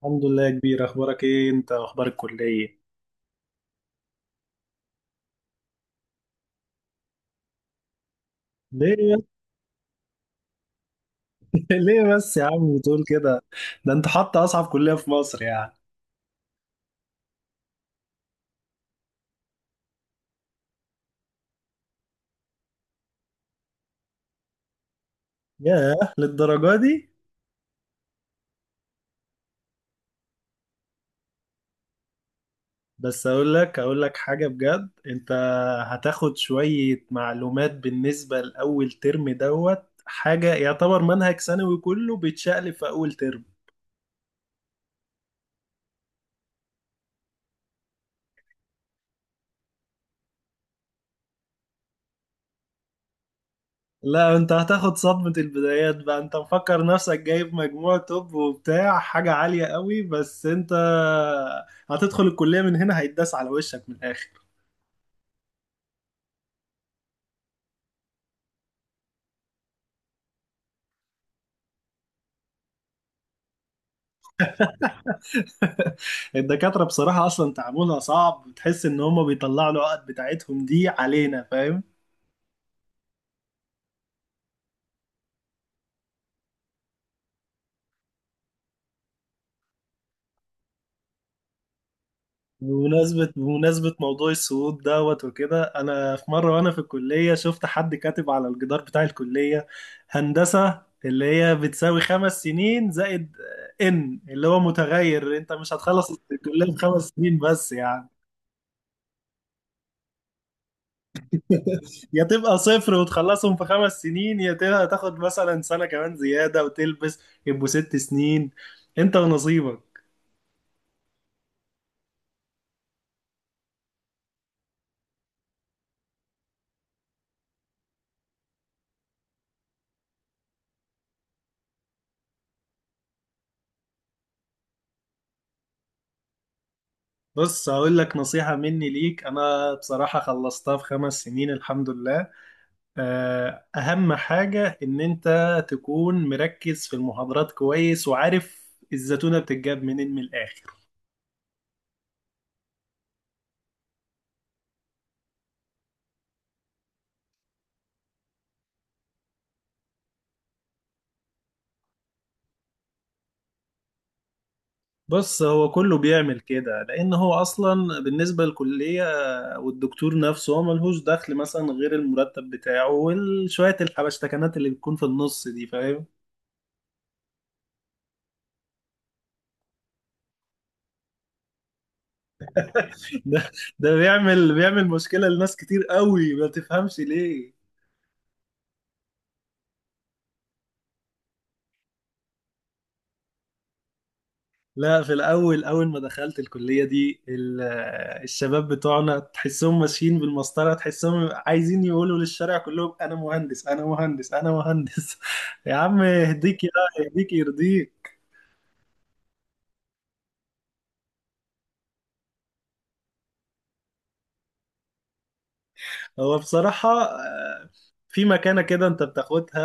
الحمد لله يا كبير، اخبارك ايه؟ انت اخبار الكليه؟ ليه يا- ليه بس يا عم بتقول كده؟ ده انت حاطط اصعب كليه في مصر يعني. ياه، للدرجه دي؟ بس اقول لك حاجه بجد. انت هتاخد شويه معلومات بالنسبه لاول ترم دوت حاجه، يعتبر منهج ثانوي كله بيتشقلب في اول ترم. لا انت هتاخد صدمة البدايات بقى. انت مفكر نفسك جايب مجموع توب وبتاع حاجة عالية قوي، بس انت هتدخل الكلية من هنا، هيتداس على وشك من الآخر. الدكاترة بصراحة أصلا تعاملها صعب، تحس إن هما بيطلعوا العقد بتاعتهم دي علينا، فاهم؟ بمناسبة موضوع الصعود دوت وكده، أنا في مرة وأنا في الكلية شفت حد كاتب على الجدار بتاع الكلية: هندسة اللي هي بتساوي 5 سنين زائد، إن اللي هو متغير، أنت مش هتخلص الكلية في 5 سنين بس يعني. يا تبقى صفر وتخلصهم في 5 سنين، يا تبقى تاخد مثلا سنة كمان زيادة وتلبس، يبقوا 6 سنين. أنت ونصيبك. بص هقول لك نصيحة مني ليك، أنا بصراحة خلصتها في 5 سنين الحمد لله. أهم حاجة إن أنت تكون مركز في المحاضرات كويس، وعارف الزتونة بتتجاب منين من الآخر. بص هو كله بيعمل كده لأن هو أصلا بالنسبة للكلية والدكتور نفسه، هو ملهوش دخل مثلا غير المرتب بتاعه وشوية الحبشتكنات اللي بتكون في النص دي، فاهم؟ ده ده بيعمل مشكلة لناس كتير قوي، ما تفهمش ليه. لا في الأول، أول ما دخلت الكلية دي الشباب بتوعنا تحسهم ماشيين بالمسطرة، تحسهم عايزين يقولوا للشارع كلهم أنا مهندس أنا مهندس أنا مهندس. يا عم يهديك، يا يهديك يرضيك. هو بصراحة في مكانة كده أنت بتاخدها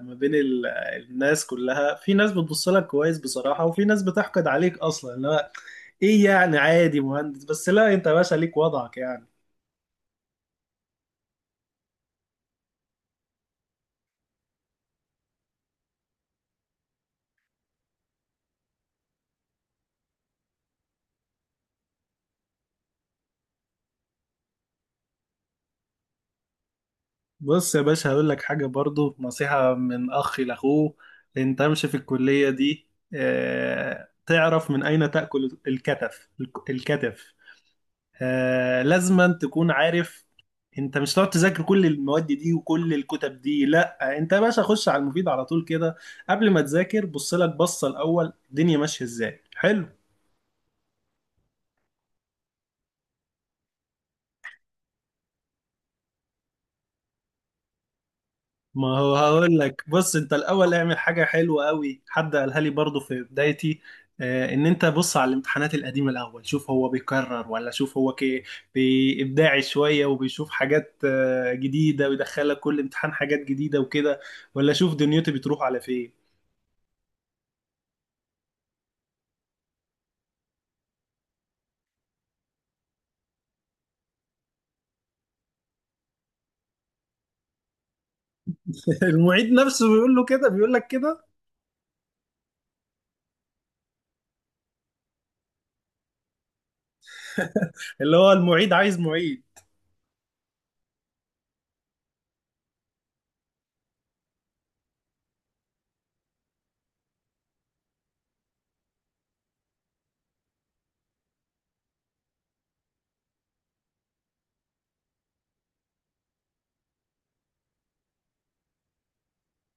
ما بين الناس كلها. في ناس بتبص لك كويس بصراحة، وفي ناس بتحقد عليك أصلا. لا إيه يعني؟ عادي مهندس بس. لا أنت يا باشا ليك وضعك يعني. بص يا باشا، هقول لك حاجة برضو نصيحة من أخ لأخوه. أنت امشي في الكلية دي تعرف من أين تأكل الكتف. الكتف. لازما تكون عارف. أنت مش هتقعد تذاكر كل المواد دي وكل الكتب دي، لا أنت يا باشا خش على المفيد على طول كده. قبل ما تذاكر، بص لك بصة الأول الدنيا ماشية إزاي، حلو. ما هو هقول لك، بص انت الاول اعمل حاجه حلوه قوي، حد قالها لي برضو في بدايتي ان انت بص على الامتحانات القديمه الاول، شوف هو بيكرر ولا شوف هو كي بابداعي شويه وبيشوف حاجات جديده، ويدخلك كل امتحان حاجات جديده وكده، ولا شوف دنيتي بتروح على فين. المعيد نفسه بيقول له كده، بيقول لك كده. اللي هو المعيد عايز معيد.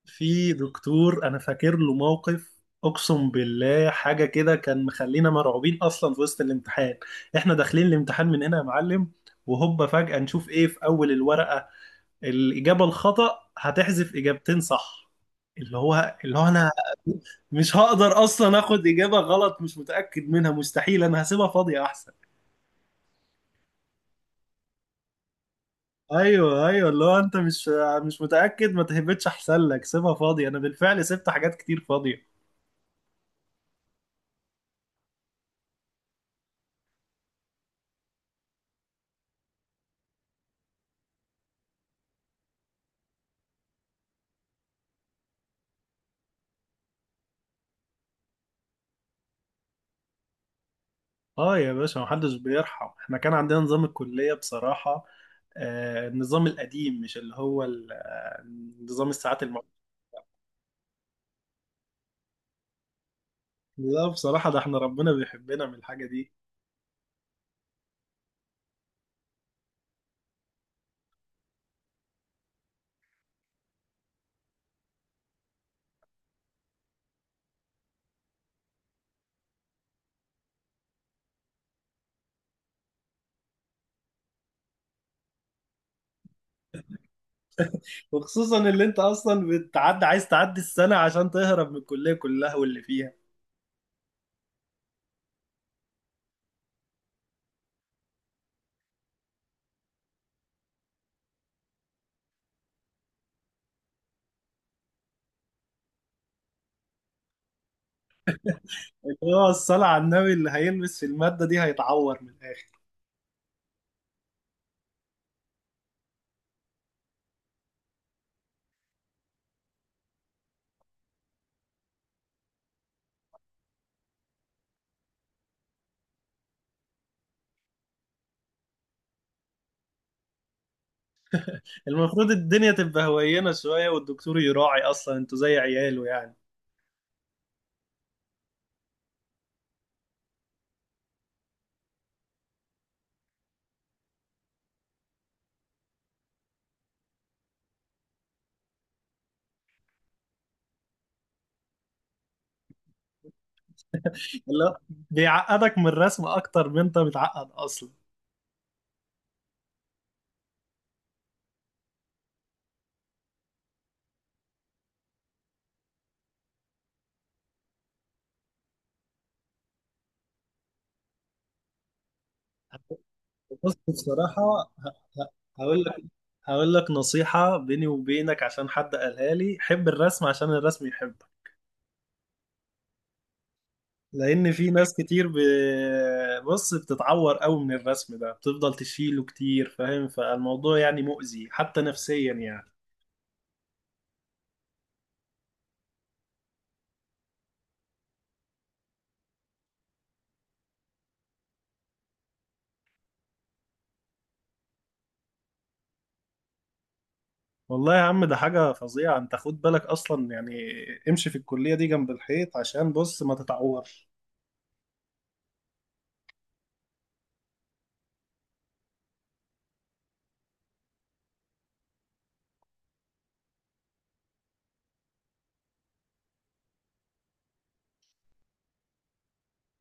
في دكتور انا فاكر له موقف، اقسم بالله حاجه كده كان مخلينا مرعوبين اصلا في وسط الامتحان. احنا داخلين الامتحان من هنا يا معلم، وهوبا فجاه نشوف ايه في اول الورقه: الاجابه الخطا هتحذف اجابتين صح. اللي هو انا مش هقدر اصلا اخد اجابه غلط مش متاكد منها، مستحيل، انا هسيبها فاضيه احسن. ايوه ايوه، اللي هو انت مش متاكد، ما تهبطش احسن لك، سيبها فاضيه، انا بالفعل سبت حاجات كتير فاضيه. اه يا باشا، محدش بيرحم. احنا كان عندنا نظام الكلية بصراحة، آه النظام القديم، مش اللي هو نظام الساعات المعروف. لا بصراحة، ده احنا ربنا بيحبنا من الحاجة دي. وخصوصا اللي انت اصلا بتعدي، عايز تعدي السنة عشان تهرب من الكلية كلها واللي فيها. اللي هو الصلاة على النبي، اللي هيلبس في المادة دي هيتعور من الآخر. المفروض الدنيا تبقى هوينة شوية، والدكتور يراعي أصلا انتوا زي عياله يعني. لا، بيعقدك من الرسم أكتر من انت متعقد أصلا. بص بصراحة، ه- ه- هقول لك هقول لك نصيحة بيني وبينك. عشان حد قالها لي: حب الرسم عشان الرسم يحبك. لأن في ناس كتير بص بتتعور قوي من الرسم ده، بتفضل تشيله كتير، فاهم؟ فالموضوع يعني مؤذي حتى نفسيا يعني. والله يا عم ده حاجة فظيعة. انت خد بالك أصلا يعني، امشي في الكلية دي جنب الحيط عشان بص ما تتعور.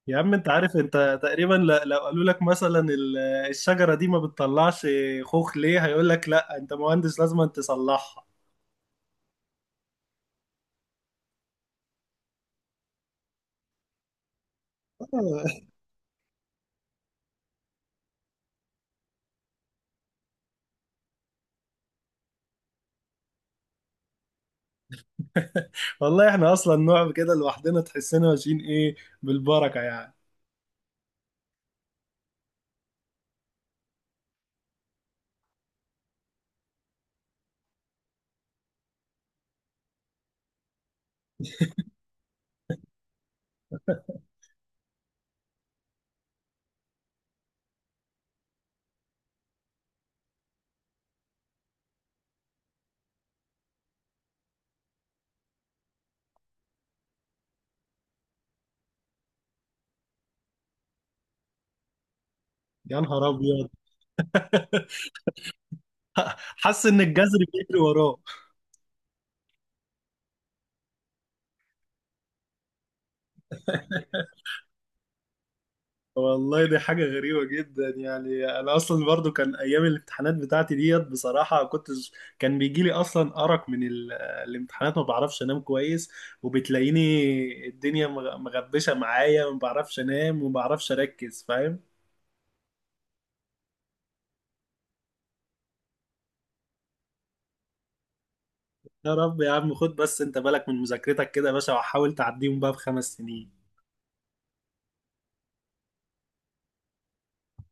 يا عم انت عارف انت تقريبا لو قالوا لك مثلا الشجرة دي ما بتطلعش خوخ ليه، هيقول لك لا انت مهندس لازم انت تصلحها. والله احنا اصلا نوع كده لوحدنا، تحسنا ماشيين ايه، بالبركة يعني. يا نهار ابيض. حاسس ان الجذر بيجري وراه. والله دي حاجة غريبة جدا يعني. أنا أصلا برضو كان أيام الامتحانات بتاعتي ديت بصراحة كنت، كان بيجيلي أصلا أرق من الامتحانات، ما بعرفش أنام كويس، وبتلاقيني الدنيا مغبشة معايا، ما بعرفش أنام وما بعرفش أركز، فاهم؟ يا رب يا عم. خد بس أنت بالك من مذاكرتك كده يا باشا، وحاول تعديهم بقى ب5 سنين.